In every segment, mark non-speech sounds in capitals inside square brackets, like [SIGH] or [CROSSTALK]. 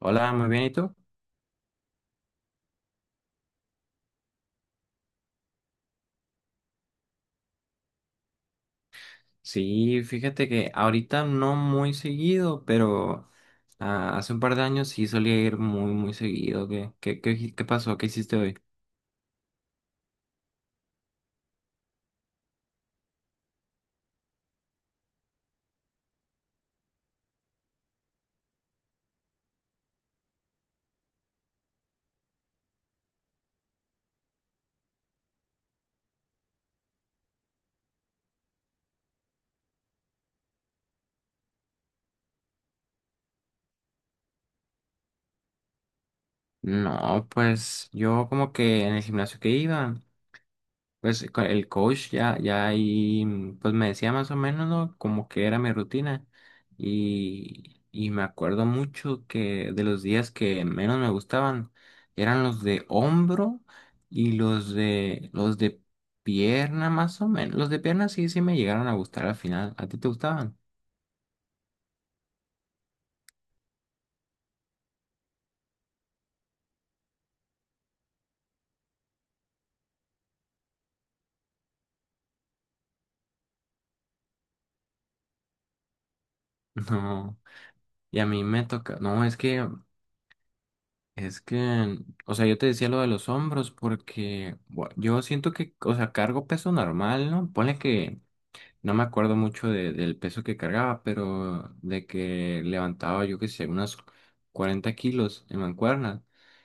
Hola, muy bien, ¿y tú? Sí, fíjate que ahorita no muy seguido, pero hace un par de años sí solía ir muy, muy seguido. ¿Qué pasó? ¿Qué hiciste hoy? No, pues yo como que en el gimnasio que iba. Pues con el coach ya ahí, pues me decía más o menos, ¿no? Como que era mi rutina. Y me acuerdo mucho que de los días que menos me gustaban eran los de hombro y los de pierna, más o menos. Los de pierna sí, sí me llegaron a gustar al final. ¿A ti te gustaban? [LAUGHS] No. Y a mí me toca, no, es que, o sea, yo te decía lo de los hombros porque bueno, yo siento que, o sea, cargo peso normal, ¿no? Ponle que no me acuerdo mucho del peso que cargaba, pero de que levantaba, yo qué sé, unas 40 kilos en mancuernas.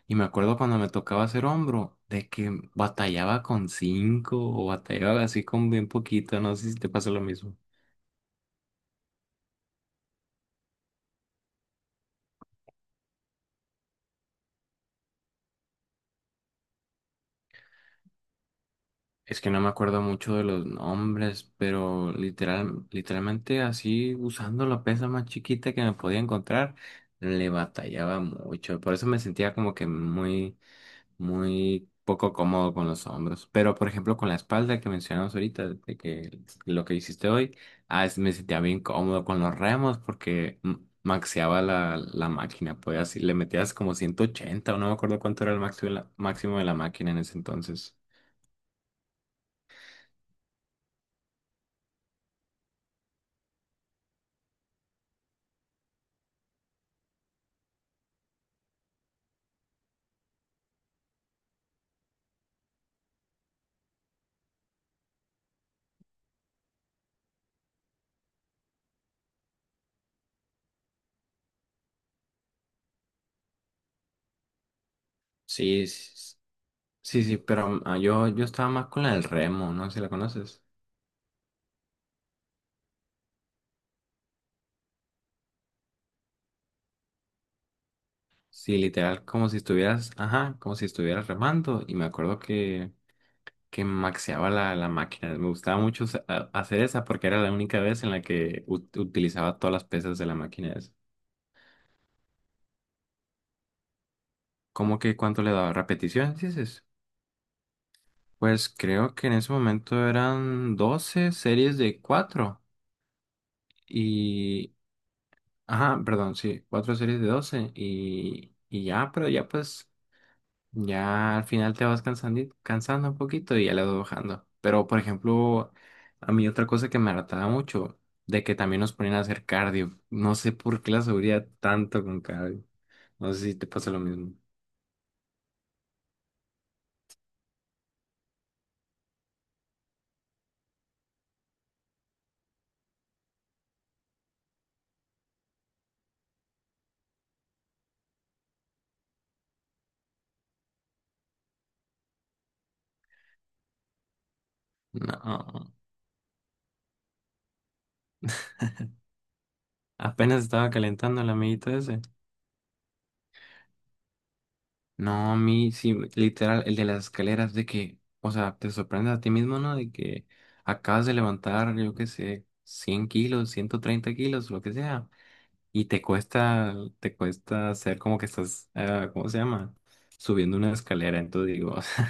Y me acuerdo cuando me tocaba hacer hombro, de que batallaba con 5 o batallaba así con bien poquito. No sé si te pasa lo mismo. Es que no me acuerdo mucho de los nombres, pero literalmente así usando la pesa más chiquita que me podía encontrar, le batallaba mucho. Por eso me sentía como que muy muy poco cómodo con los hombros. Pero, por ejemplo, con la espalda que mencionamos ahorita, de que lo que hiciste hoy, me sentía bien cómodo con los remos porque maxeaba la máquina, pues así le metías como 180 o no me acuerdo cuánto era el máximo de la máquina en ese entonces. Sí, sí, sí, pero yo estaba más con la del remo, no sé si la conoces. Sí, literal, como si estuvieras, ajá, como si estuvieras remando. Y me acuerdo que maxeaba la máquina. Me gustaba mucho hacer esa porque era la única vez en la que utilizaba todas las pesas de la máquina esa. ¿Cómo que cuánto le daba? ¿Repeticiones, dices? Pues creo que en ese momento eran 12 series de 4 y... Ajá, perdón, sí, 4 series de 12 y ya, pero ya pues ya al final te vas cansando, cansando un poquito y ya le vas bajando. Pero, por ejemplo, a mí otra cosa que me hartaba mucho, de que también nos ponían a hacer cardio. No sé por qué la seguridad tanto con cardio. No sé si te pasa lo mismo. No, apenas estaba calentando el amiguito ese. No, a mí sí, literal, el de las escaleras, de que, o sea, te sorprendes a ti mismo, ¿no? De que acabas de levantar, yo qué sé, 100 kilos, 130 kilos, lo que sea. Y te cuesta hacer como que estás, ¿cómo se llama? Subiendo una escalera. Entonces digo, [LAUGHS] o sea,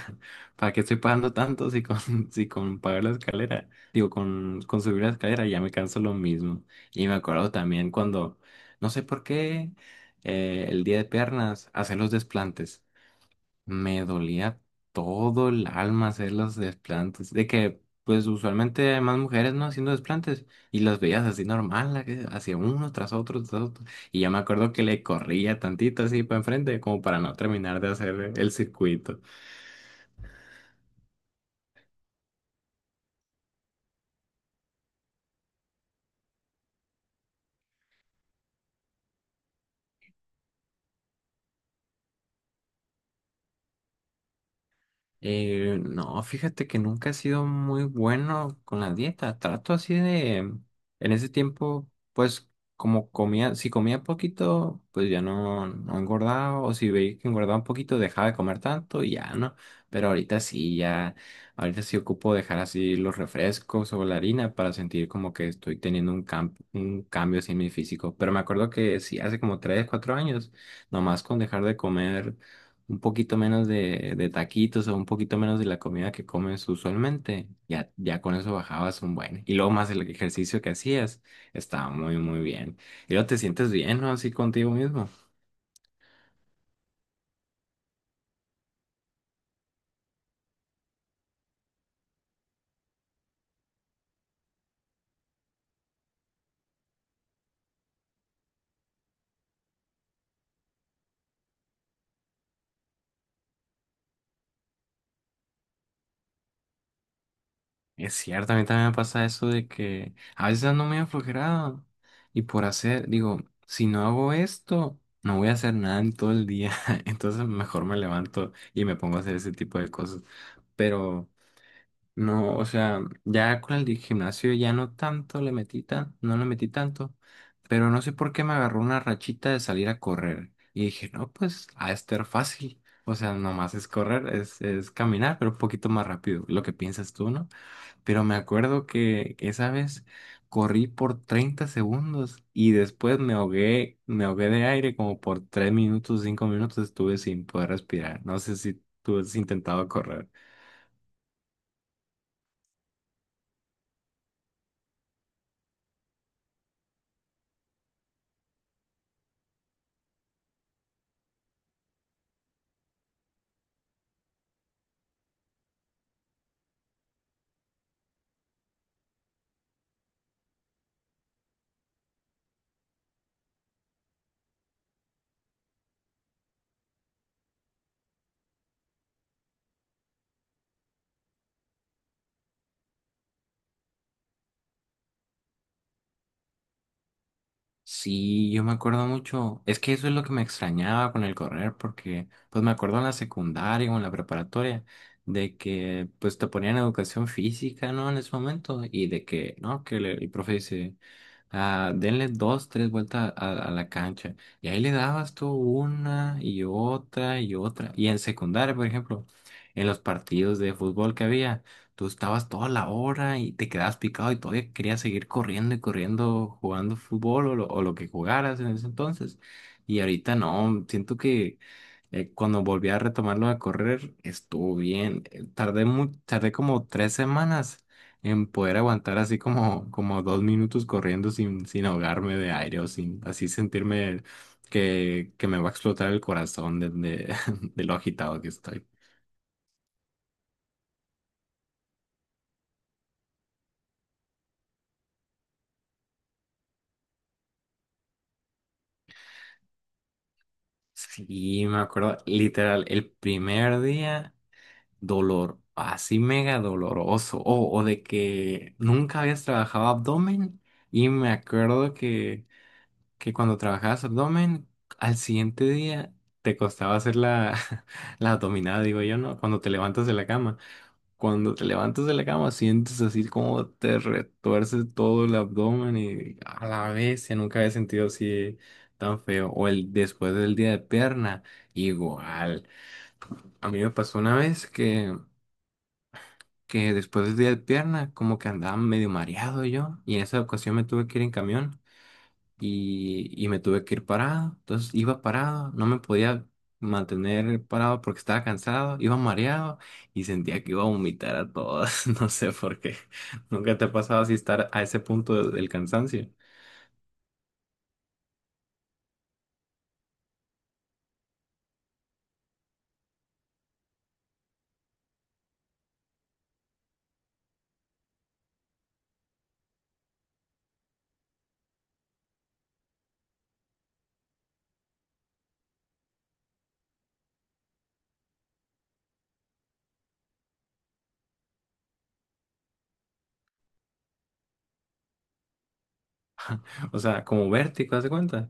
¿para qué estoy pagando tanto si con, [LAUGHS] si con pagar la escalera? Digo, con subir la escalera ya me canso lo mismo. Y me acuerdo también cuando, no sé por qué, el día de piernas, hacer los desplantes. Me dolía todo el alma hacer los desplantes. De que, pues usualmente hay más mujeres, ¿no? Haciendo desplantes. Y las veías así normal, la que hacía uno tras otro, tras otro. Y ya me acuerdo que le corría tantito así para enfrente, como para no terminar de hacer el circuito. No, fíjate que nunca he sido muy bueno con la dieta. Trato así de, en ese tiempo, pues como comía, si comía poquito, pues ya no engordaba, o si veía que engordaba un poquito, dejaba de comer tanto y ya no. Pero ahorita sí, ya, ahorita sí ocupo dejar así los refrescos o la harina para sentir como que estoy teniendo un cambio así en mi físico. Pero me acuerdo que sí, hace como 3, 4 años, nomás con dejar de comer un poquito menos de taquitos o un poquito menos de la comida que comes usualmente, ya con eso bajabas un buen. Y luego más el ejercicio que hacías, estaba muy, muy bien. Y luego te sientes bien, ¿no? Así contigo mismo. Es cierto, a mí también me pasa eso de que a veces ando muy aflojerado y por hacer, digo, si no hago esto, no voy a hacer nada en todo el día. [LAUGHS] Entonces mejor me levanto y me pongo a hacer ese tipo de cosas. Pero... No, o sea, ya con el gimnasio ya no tanto no le metí tanto, pero no sé por qué me agarró una rachita de salir a correr. Y dije, no, pues a estar fácil. O sea, nomás es correr, es caminar, pero un poquito más rápido, lo que piensas tú, ¿no? Pero me acuerdo que esa vez corrí por 30 segundos y después me ahogué de aire como por 3 minutos, 5 minutos, estuve sin poder respirar. No sé si tú has intentado correr. Sí, yo me acuerdo mucho. Es que eso es lo que me extrañaba con el correr, porque pues me acuerdo en la secundaria o en la preparatoria de que pues te ponían educación física, ¿no? En ese momento y de que, ¿no? Que el profe dice, ah, denle dos, tres vueltas a la cancha. Y ahí le dabas tú una y otra y otra. Y en secundaria, por ejemplo, en los partidos de fútbol que había. Tú estabas toda la hora y te quedabas picado y todavía querías seguir corriendo y corriendo, jugando fútbol o lo que jugaras en ese entonces. Y ahorita no, siento que cuando volví a retomarlo de correr, estuvo bien. Tardé como 3 semanas en poder aguantar así como 2 minutos corriendo sin ahogarme de aire o sin así sentirme que me va a explotar el corazón de, [LAUGHS] de lo agitado que estoy. Sí, me acuerdo, literal, el primer día, dolor, así mega doloroso, o de que nunca habías trabajado abdomen, y me acuerdo que, cuando trabajabas abdomen, al siguiente día te costaba hacer la, [LAUGHS] la abdominada, digo yo, ¿no? Cuando te levantas de la cama. Cuando te levantas de la cama, sientes así como te retuerce todo el abdomen y a la vez, ya nunca había sentido así tan feo. O el después del día de pierna, igual. A mí me pasó una vez que después del día de pierna, como que andaba medio mareado yo, y, en esa ocasión me tuve que ir en camión y me tuve que ir parado. Entonces iba parado, no me podía mantener parado porque estaba cansado, iba mareado y sentía que iba a vomitar a todas. [LAUGHS] No sé por qué. Nunca te ha pasado así estar a ese punto del cansancio. O sea, como vértigo, ¿haz de cuenta?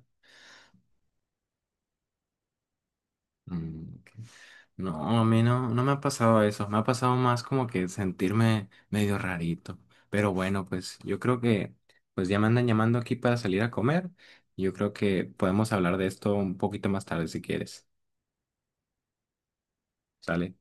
Mm, ok. No, a mí no me ha pasado eso. Me ha pasado más como que sentirme medio rarito. Pero bueno, pues yo creo que pues ya me andan llamando aquí para salir a comer. Yo creo que podemos hablar de esto un poquito más tarde si quieres. ¿Sale?